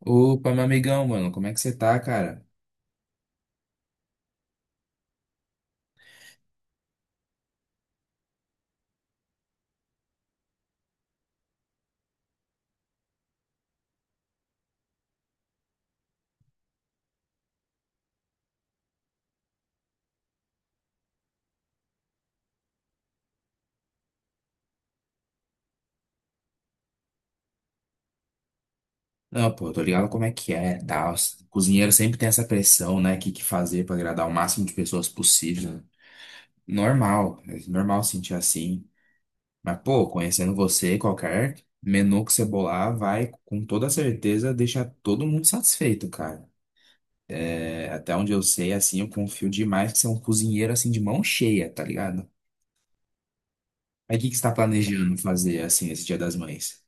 Opa, meu amigão, mano, como é que você tá, cara? Não, pô, eu tô ligado como é que é, tal. Cozinheiro sempre tem essa pressão, né? O que que fazer pra agradar o máximo de pessoas possível. Né? Normal, é normal sentir assim. Mas, pô, conhecendo você, qualquer menu que você bolar vai, com toda certeza, deixar todo mundo satisfeito, cara. É, até onde eu sei, assim, eu confio demais que você é um cozinheiro, assim, de mão cheia, tá ligado? Mas o que que você tá planejando fazer, assim, esse Dia das Mães?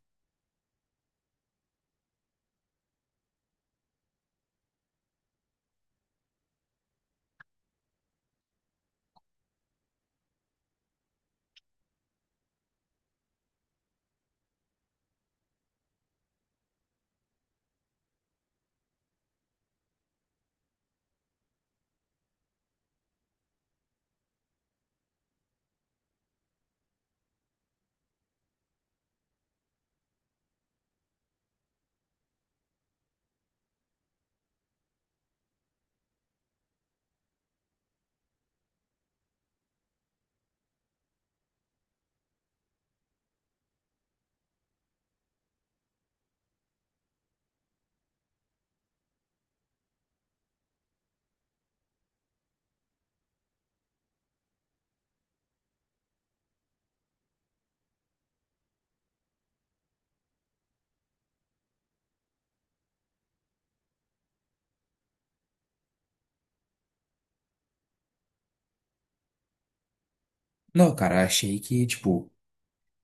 Não, cara, achei que, tipo.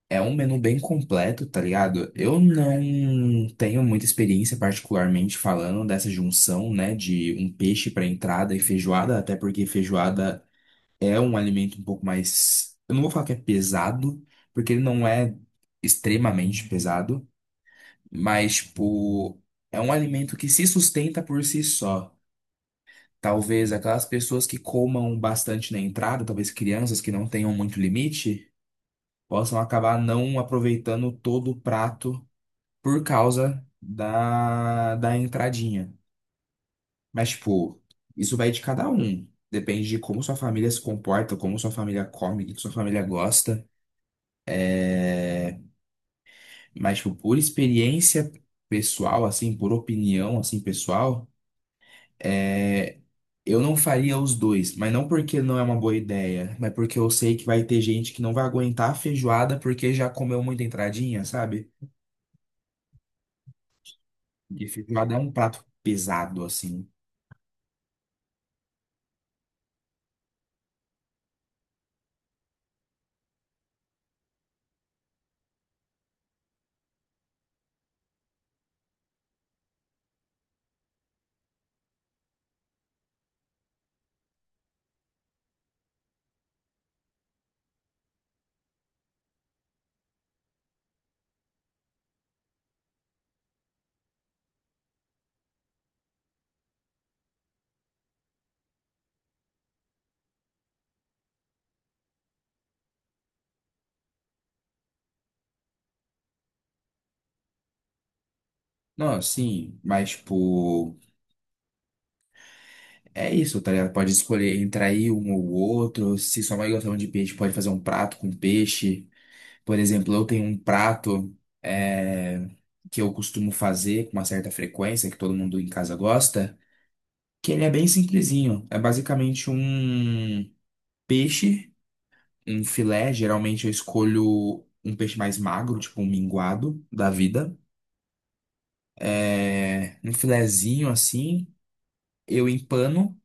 É um menu bem completo, tá ligado? Eu não tenho muita experiência, particularmente falando dessa junção, né, de um peixe para entrada e feijoada, até porque feijoada é um alimento um pouco mais. Eu não vou falar que é pesado, porque ele não é extremamente pesado, mas, tipo, é um alimento que se sustenta por si só. Talvez aquelas pessoas que comam bastante na entrada, talvez crianças que não tenham muito limite possam acabar não aproveitando todo o prato por causa da entradinha. Mas, tipo, isso vai de cada um. Depende de como sua família se comporta, como sua família come, o que que sua família gosta. É, mas, tipo, por experiência pessoal, assim, por opinião, assim, pessoal, é, eu não faria os dois. Mas não porque não é uma boa ideia, mas porque eu sei que vai ter gente que não vai aguentar a feijoada porque já comeu muita entradinha, sabe? E feijoada é um prato pesado, assim. Não, sim, mas, tipo. É isso, tá ligado? Pode escolher entre aí um ou outro. Se sua mãe gostava de peixe, pode fazer um prato com peixe. Por exemplo, eu tenho um prato é, que eu costumo fazer com uma certa frequência, que todo mundo em casa gosta, que ele é bem simplesinho. É basicamente um peixe, um filé. Geralmente eu escolho um peixe mais magro, tipo um minguado da vida. É, um filezinho assim, eu empano.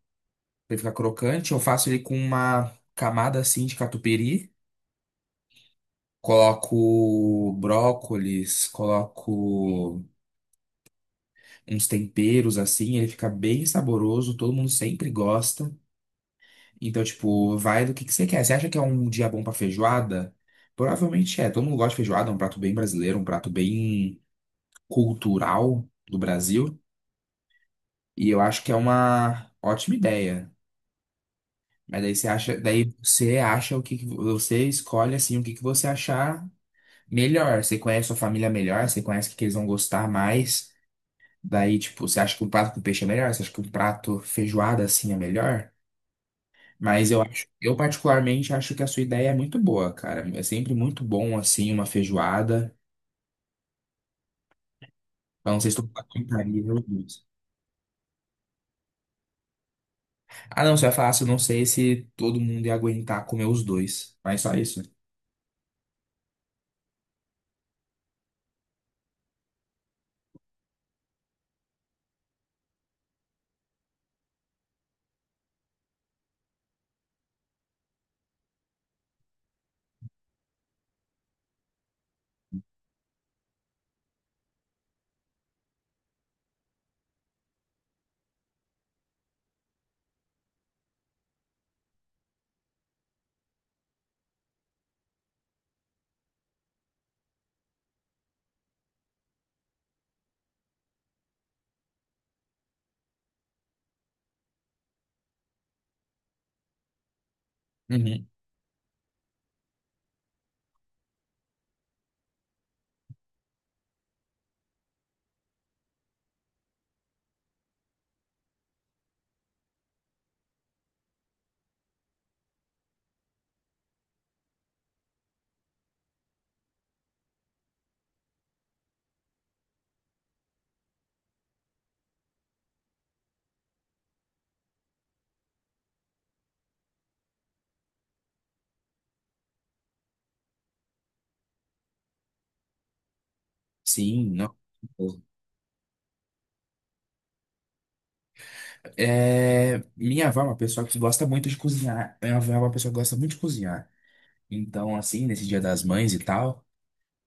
Pra ele ficar crocante. Eu faço ele com uma camada assim de catupiry. Coloco brócolis, coloco uns temperos assim, ele fica bem saboroso, todo mundo sempre gosta. Então, tipo, vai do que você quer. Você acha que é um dia bom pra feijoada? Provavelmente é. Todo mundo gosta de feijoada, é um prato bem brasileiro, um prato bem cultural do Brasil. E eu acho que é uma ótima ideia. Mas daí você acha o que que- você escolhe assim o que que você achar melhor, você conhece sua família melhor, você conhece o que que eles vão gostar mais. Daí, tipo, você acha que um prato com peixe é melhor? Você acha que um prato feijoada assim é melhor? Mas eu acho, eu particularmente acho que a sua ideia é muito boa, cara. É sempre muito bom assim uma feijoada. Eu não sei se estou aguentaria os dois. Ah, não, você vai falar, se eu não sei se todo mundo ia aguentar comer os dois. Mas só isso. Uhum. Sim, não. É, minha avó é uma pessoa que gosta muito de cozinhar. Minha avó é uma pessoa que gosta muito de cozinhar. Então, assim, nesse Dia das Mães e tal,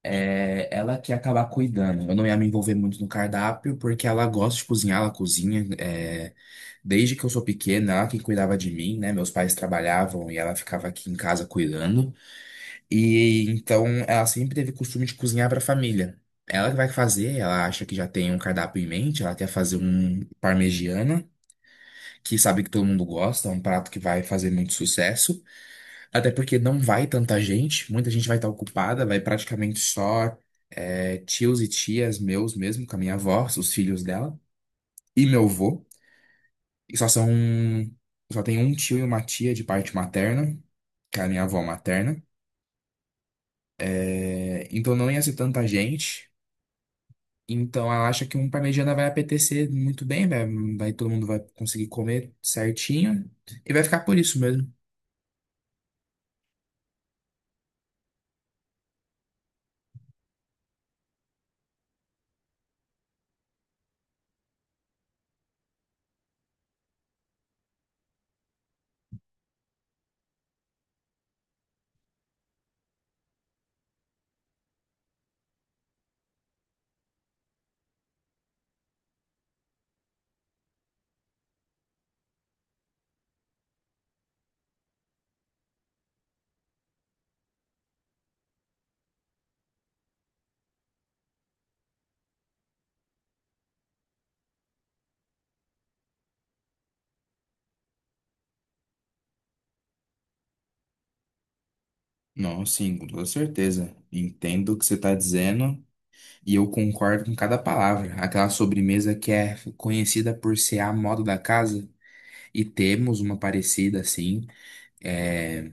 ela que ia acabar cuidando. Eu não ia me envolver muito no cardápio, porque ela gosta de cozinhar, ela cozinha. Desde que eu sou pequena, ela que cuidava de mim, né? Meus pais trabalhavam e ela ficava aqui em casa cuidando. E então, ela sempre teve costume de cozinhar para a família. Ela que vai fazer, ela acha que já tem um cardápio em mente, ela quer fazer um parmegiana, que sabe que todo mundo gosta, é um prato que vai fazer muito sucesso. Até porque não vai tanta gente, muita gente vai estar ocupada, vai praticamente só tios e tias meus mesmo, com a minha avó, os filhos dela, e meu avô. E só são. Só tem um tio e uma tia de parte materna, que é a minha avó materna. É, então não ia ser tanta gente. Então ela acha que um pra mediana vai apetecer muito bem, vai, vai- todo mundo vai conseguir comer certinho e vai ficar por isso mesmo. Não, sim, com toda certeza. Entendo o que você está dizendo. E eu concordo com cada palavra. Aquela sobremesa que é conhecida por ser a moda da casa. E temos uma parecida assim. É,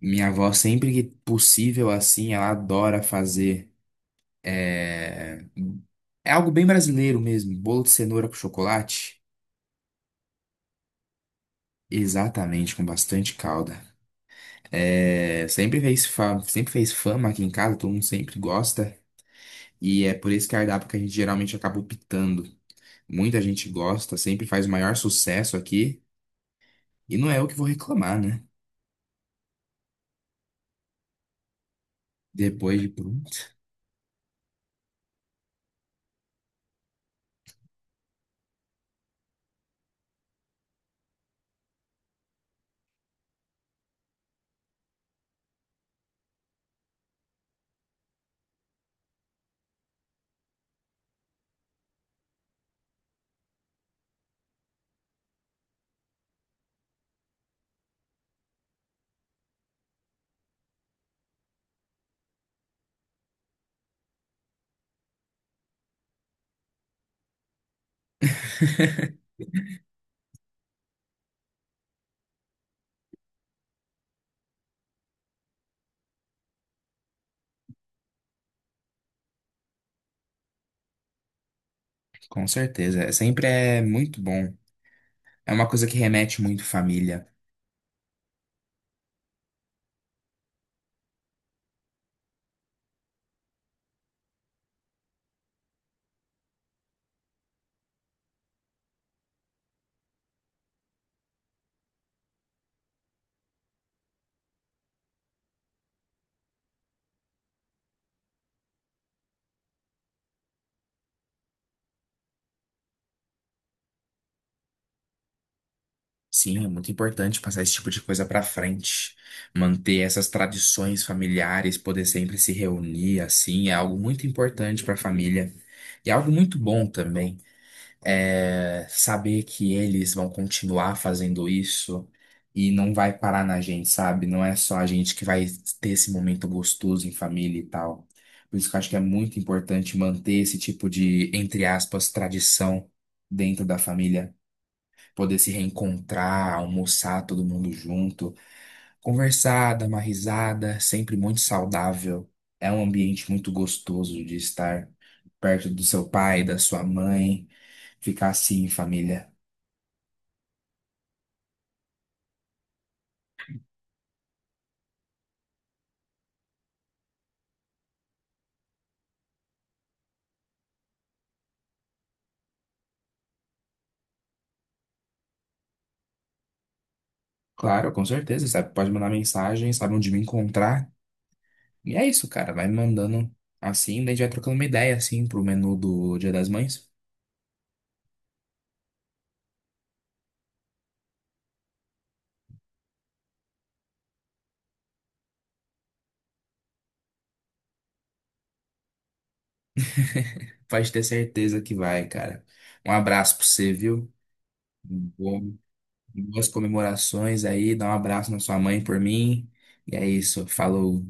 minha avó, sempre que possível assim, ela adora fazer. É, é algo bem brasileiro mesmo. Bolo de cenoura com chocolate. Exatamente, com bastante calda. É, sempre fez fama aqui em casa, todo mundo sempre gosta. E é por esse cardápio que a gente geralmente acaba optando. Muita gente gosta, sempre faz o maior sucesso aqui. E não é eu que vou reclamar, né? Depois de pronto. Com certeza. É- Sempre é muito bom. É uma coisa que remete muito família. Sim, é muito importante passar esse tipo de coisa pra frente. Manter essas tradições familiares, poder sempre se reunir assim, é algo muito importante pra família. E é algo muito bom também. É, saber que eles vão continuar fazendo isso e não vai parar na gente, sabe? Não é só a gente que vai ter esse momento gostoso em família e tal. Por isso que eu acho que é muito importante manter esse tipo de, entre aspas, tradição dentro da família, poder se reencontrar, almoçar todo mundo junto. Conversar, dar uma risada, sempre muito saudável. É um ambiente muito gostoso de estar perto do seu pai, da sua mãe, ficar assim em família. Claro, com certeza, sabe? Pode mandar mensagem, sabe onde me encontrar. E é isso, cara, vai me mandando assim, daí a gente vai trocando uma ideia assim pro menu do Dia das Mães. Pode ter certeza que vai, cara. Um abraço pra você, viu? Bom- boas comemorações aí, dá um abraço na sua mãe por mim. E é isso, falou.